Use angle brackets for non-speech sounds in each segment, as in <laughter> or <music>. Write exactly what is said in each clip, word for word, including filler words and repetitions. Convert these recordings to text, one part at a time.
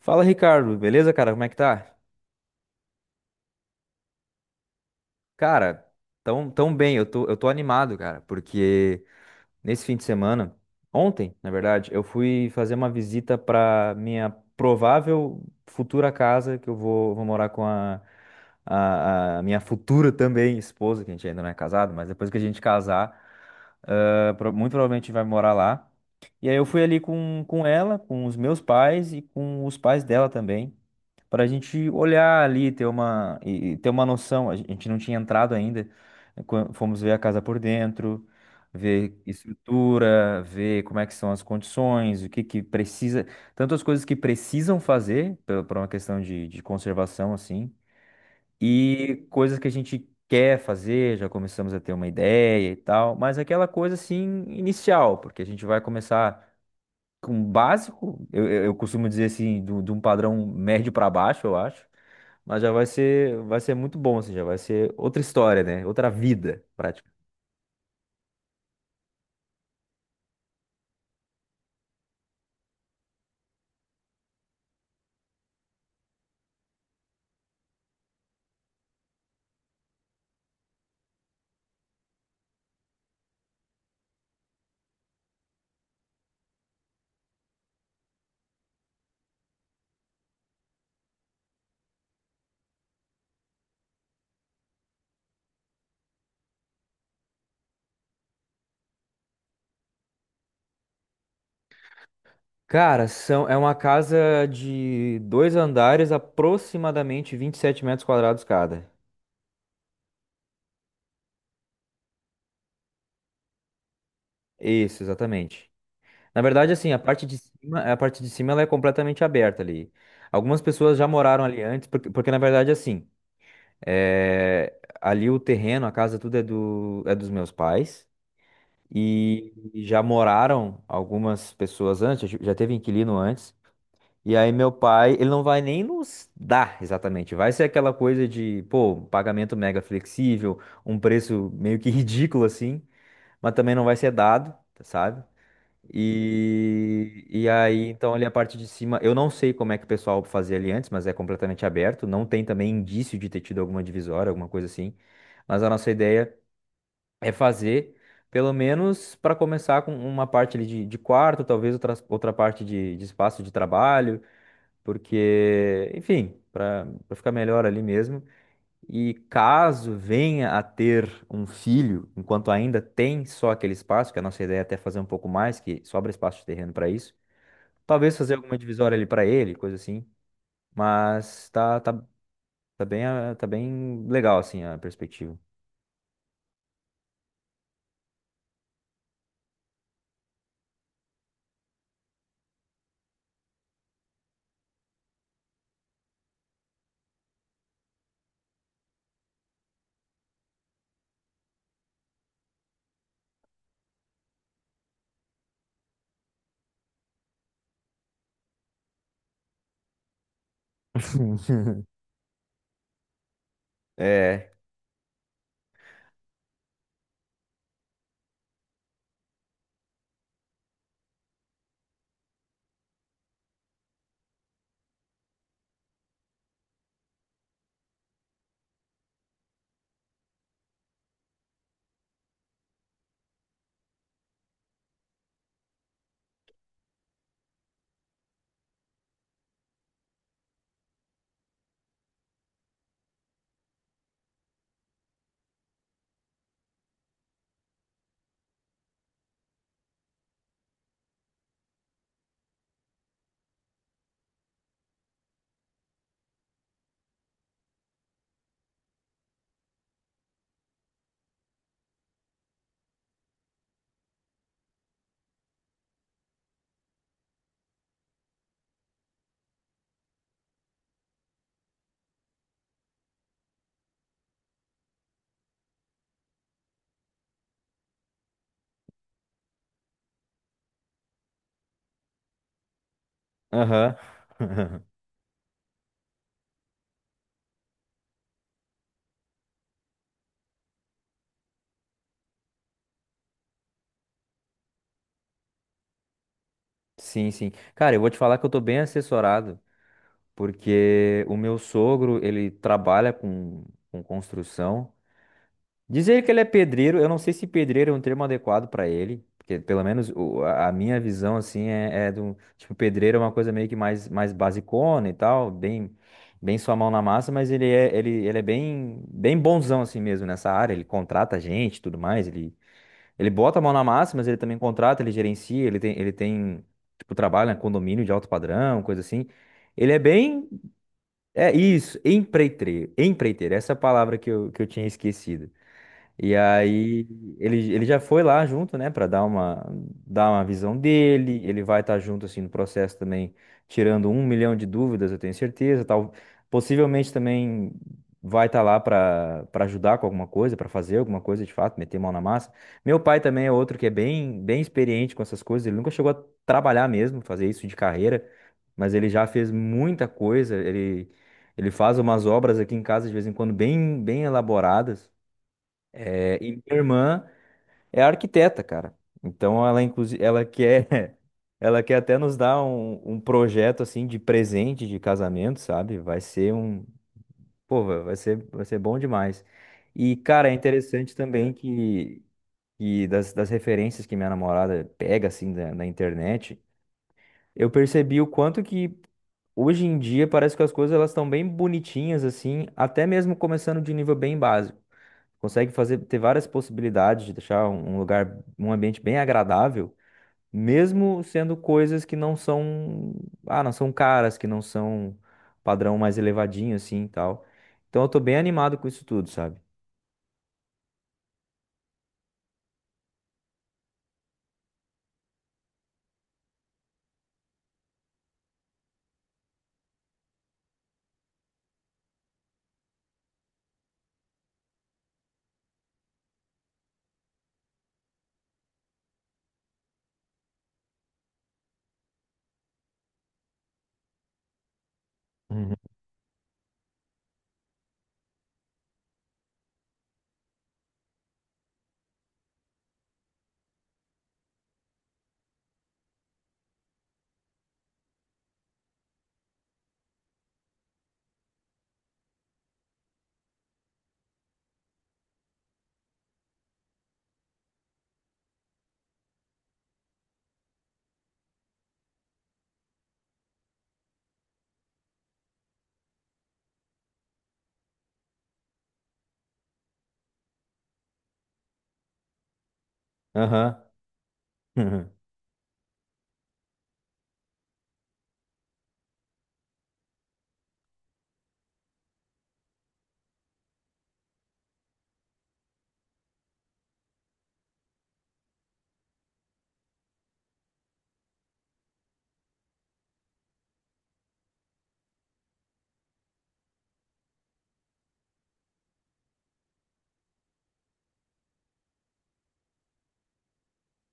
Fala, Ricardo, beleza, cara? Como é que tá? Cara, tão, tão bem, eu tô, eu tô animado, cara, porque nesse fim de semana, ontem, na verdade, eu fui fazer uma visita pra minha provável futura casa, que eu vou, vou morar com a, a, a minha futura também esposa, que a gente ainda não é casado, mas depois que a gente casar. Ela pro- muito provavelmente vai morar lá. E aí eu fui ali com, com ela, com os meus pais e com os pais dela também, para a gente olhar ali, ter uma, e e ter uma noção. A gente não tinha entrado ainda, né, quan- fomos ver a casa por dentro, ver estrutura, ver como é que são as condições, o que que precisa, tanto as coisas que precisam fazer, pe- por uma questão de, de conservação, assim, e coisas que a gente quer fazer, já começamos a ter uma ideia e tal, mas aquela coisa assim inicial, porque a gente vai começar com o básico, eu, eu- eu costumo dizer assim, do- de um padrão médio para baixo, eu acho, mas já vai ser, vai ser muito bom, assim, já vai ser outra história, né? Outra vida, prática. Cara, são, é uma casa de dois andares, aproximadamente vinte e sete metros quadrados cada. Isso, exatamente. Na verdade, assim, a parte de cima, a parte de cima ela é completamente aberta ali. Algumas pessoas já moraram ali antes, porque, porque na verdade, assim, é, ali o terreno, a casa, tudo é do, é dos meus pais. E, e já moraram algumas pessoas antes, já teve inquilino antes. E aí meu pai, ele não vai nem nos dar exatamente. Vai ser aquela coisa de, pô, um pagamento mega flexível, um preço meio que <laughs> ridículo assim, mas também não vai ser dado, sabe? E, e aí, então, ali a parte de cima, eu não sei como é que o pessoal fazia ali antes, mas é completamente aberto. Não tem também indício de ter tido alguma divisória, alguma coisa assim. Mas a nossa ideia é fazer, pelo menos, para começar com uma parte ali de, de quarto, talvez outra, outra parte de, de espaço de trabalho, porque, enfim, para ficar melhor ali mesmo. E caso venha a ter um filho, enquanto ainda tem só aquele espaço, que a nossa ideia é até fazer um pouco mais, que sobra espaço de terreno para isso, talvez fazer alguma divisória ali para ele, coisa assim. Mas tá, tá, tá bem, ah, tá bem legal assim a perspectiva. <laughs> É, aham. <laughs> Sim, sim. Cara, eu vou te falar que eu tô bem assessorado, porque o meu sogro, ele trabalha com, com construção. Dizer que ele é pedreiro, eu não sei se pedreiro é um termo adequado para ele, porque pelo menos o- a a minha visão assim é, é do tipo pedreiro é uma coisa meio que mais mais basicona e tal, bem bem sua mão na massa, mas ele é ele, ele é bem bem bonzão assim mesmo nessa área, ele contrata gente, e tudo mais, ele ele bota a mão na massa, mas ele também contrata, ele gerencia, ele tem ele tem tipo, trabalha em condomínio de alto padrão, coisa assim. Ele é bem, é isso, empreiteiro, empreiteiro, essa é a palavra que eu, que eu tinha esquecido. E aí ele, ele já foi lá junto, né, para dar uma dar uma visão dele. Ele vai estar junto assim no processo também, tirando um milhão de dúvidas, eu tenho certeza, tal. Possivelmente também vai estar lá para para ajudar com alguma coisa, para fazer alguma coisa de fato, meter mão na massa. Meu pai também é outro que é bem bem experiente com essas coisas. Ele nunca chegou a trabalhar mesmo, fazer isso de carreira, mas ele já fez muita coisa. Ele ele faz umas obras aqui em casa de vez em quando bem bem elaboradas. É, e minha irmã é arquiteta, cara. Então ela, inclusive, ela quer, <laughs> ela quer até nos dar um, um projeto assim de presente de casamento, sabe? Vai ser um, pô, vai vai ser vai ser bom demais. E cara, é interessante também que que das, das referências que minha namorada pega assim da- na internet, eu percebi o quanto que hoje em dia parece que as coisas elas estão bem bonitinhas assim, até mesmo começando de nível bem básico consegue fazer ter várias possibilidades de deixar um um lugar, um ambiente bem agradável, mesmo sendo coisas que não são, ah, não são caras, que não são padrão mais elevadinho assim e tal. Então eu tô bem animado com isso tudo, sabe? Uhum. Aham. Uhum.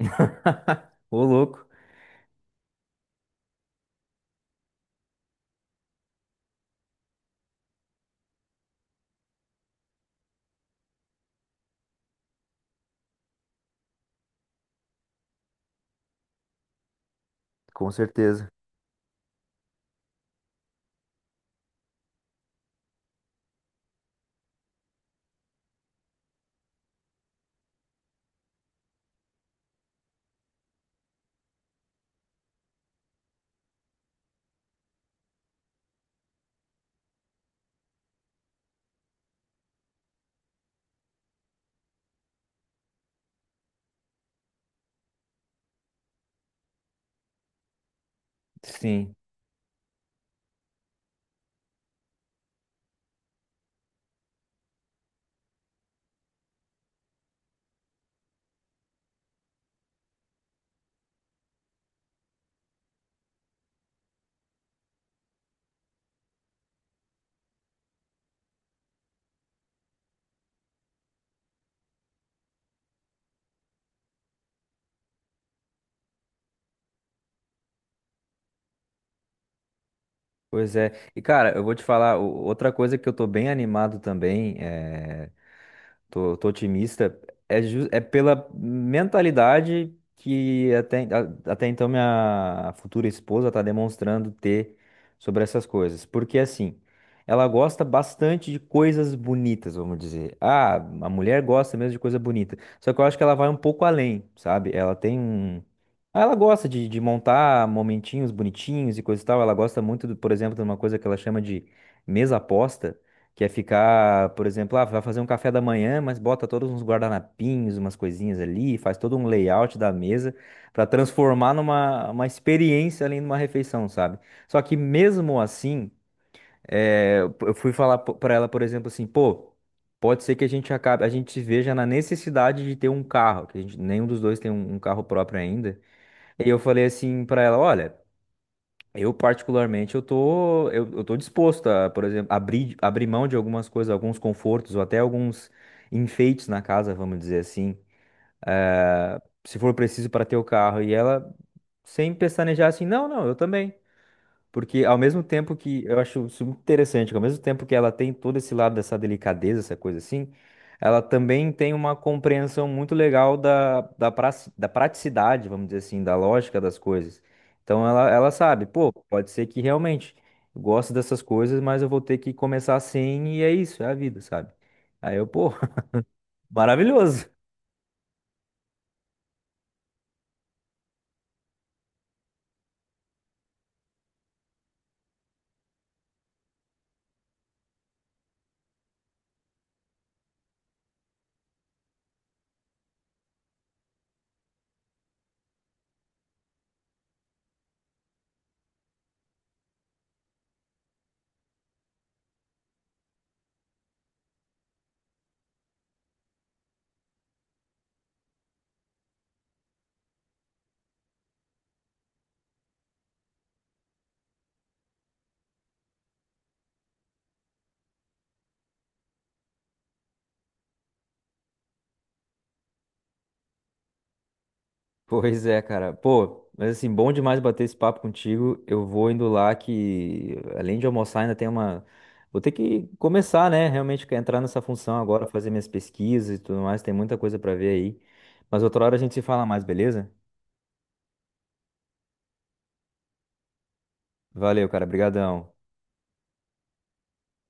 <laughs> Ô louco. Com certeza. Sim. Pois é. E cara, eu vou te falar, o- outra coisa que eu tô bem animado também, é. Tô, tô, otimista. É, ju- é pela mentalidade que até, a- até então minha futura esposa está demonstrando ter sobre essas coisas. Porque assim, ela gosta bastante de coisas bonitas, vamos dizer. Ah, a mulher gosta mesmo de coisa bonita. Só que eu acho que ela vai um pouco além, sabe? Ela tem um. Ah, ela gosta de, de montar momentinhos bonitinhos e coisa e tal. Ela gosta muito, do- por exemplo, de uma coisa que ela chama de mesa aposta, que é ficar, por exemplo, ah, vai fazer um café da manhã, mas bota todos uns guardanapinhos, umas coisinhas ali, faz todo um layout da mesa para transformar numa uma experiência ali numa refeição, sabe? Só que mesmo assim, eh, eu eu fui falar para ela, por exemplo, assim, pô, pode ser que a gente acabe, a gente se veja na necessidade de ter um carro, que a gente, nenhum dos dois tem um um carro próprio ainda. E eu falei assim para ela, olha, eu, particularmente, eu tô, eu, eu tô disposto a, por exemplo, abrir, abrir mão de algumas coisas, alguns confortos, ou até alguns enfeites na casa, vamos dizer assim. Ah, se for preciso para ter o carro. E ela, sem pestanejar, assim, não, não, eu também. Porque ao mesmo tempo que eu acho isso muito interessante, que ao mesmo tempo que ela tem todo esse lado dessa delicadeza, essa coisa assim, ela também tem uma compreensão muito legal da, da, praci- da praticidade, vamos dizer assim, da lógica das coisas. Então ela, ela sabe, pô, pode ser que realmente eu gosto dessas coisas, mas eu vou ter que começar assim e é isso, é a vida, sabe? Aí eu, pô, <laughs> maravilhoso. Pois é, cara. Pô, mas assim, bom demais bater esse papo contigo. Eu vou indo lá que, além de almoçar, ainda tem uma. Vou ter que começar, né? Realmente que entrar nessa função agora, fazer minhas pesquisas e tudo mais. Tem muita coisa pra ver aí. Mas outra hora a gente se fala mais, beleza? Valeu, cara. Obrigadão.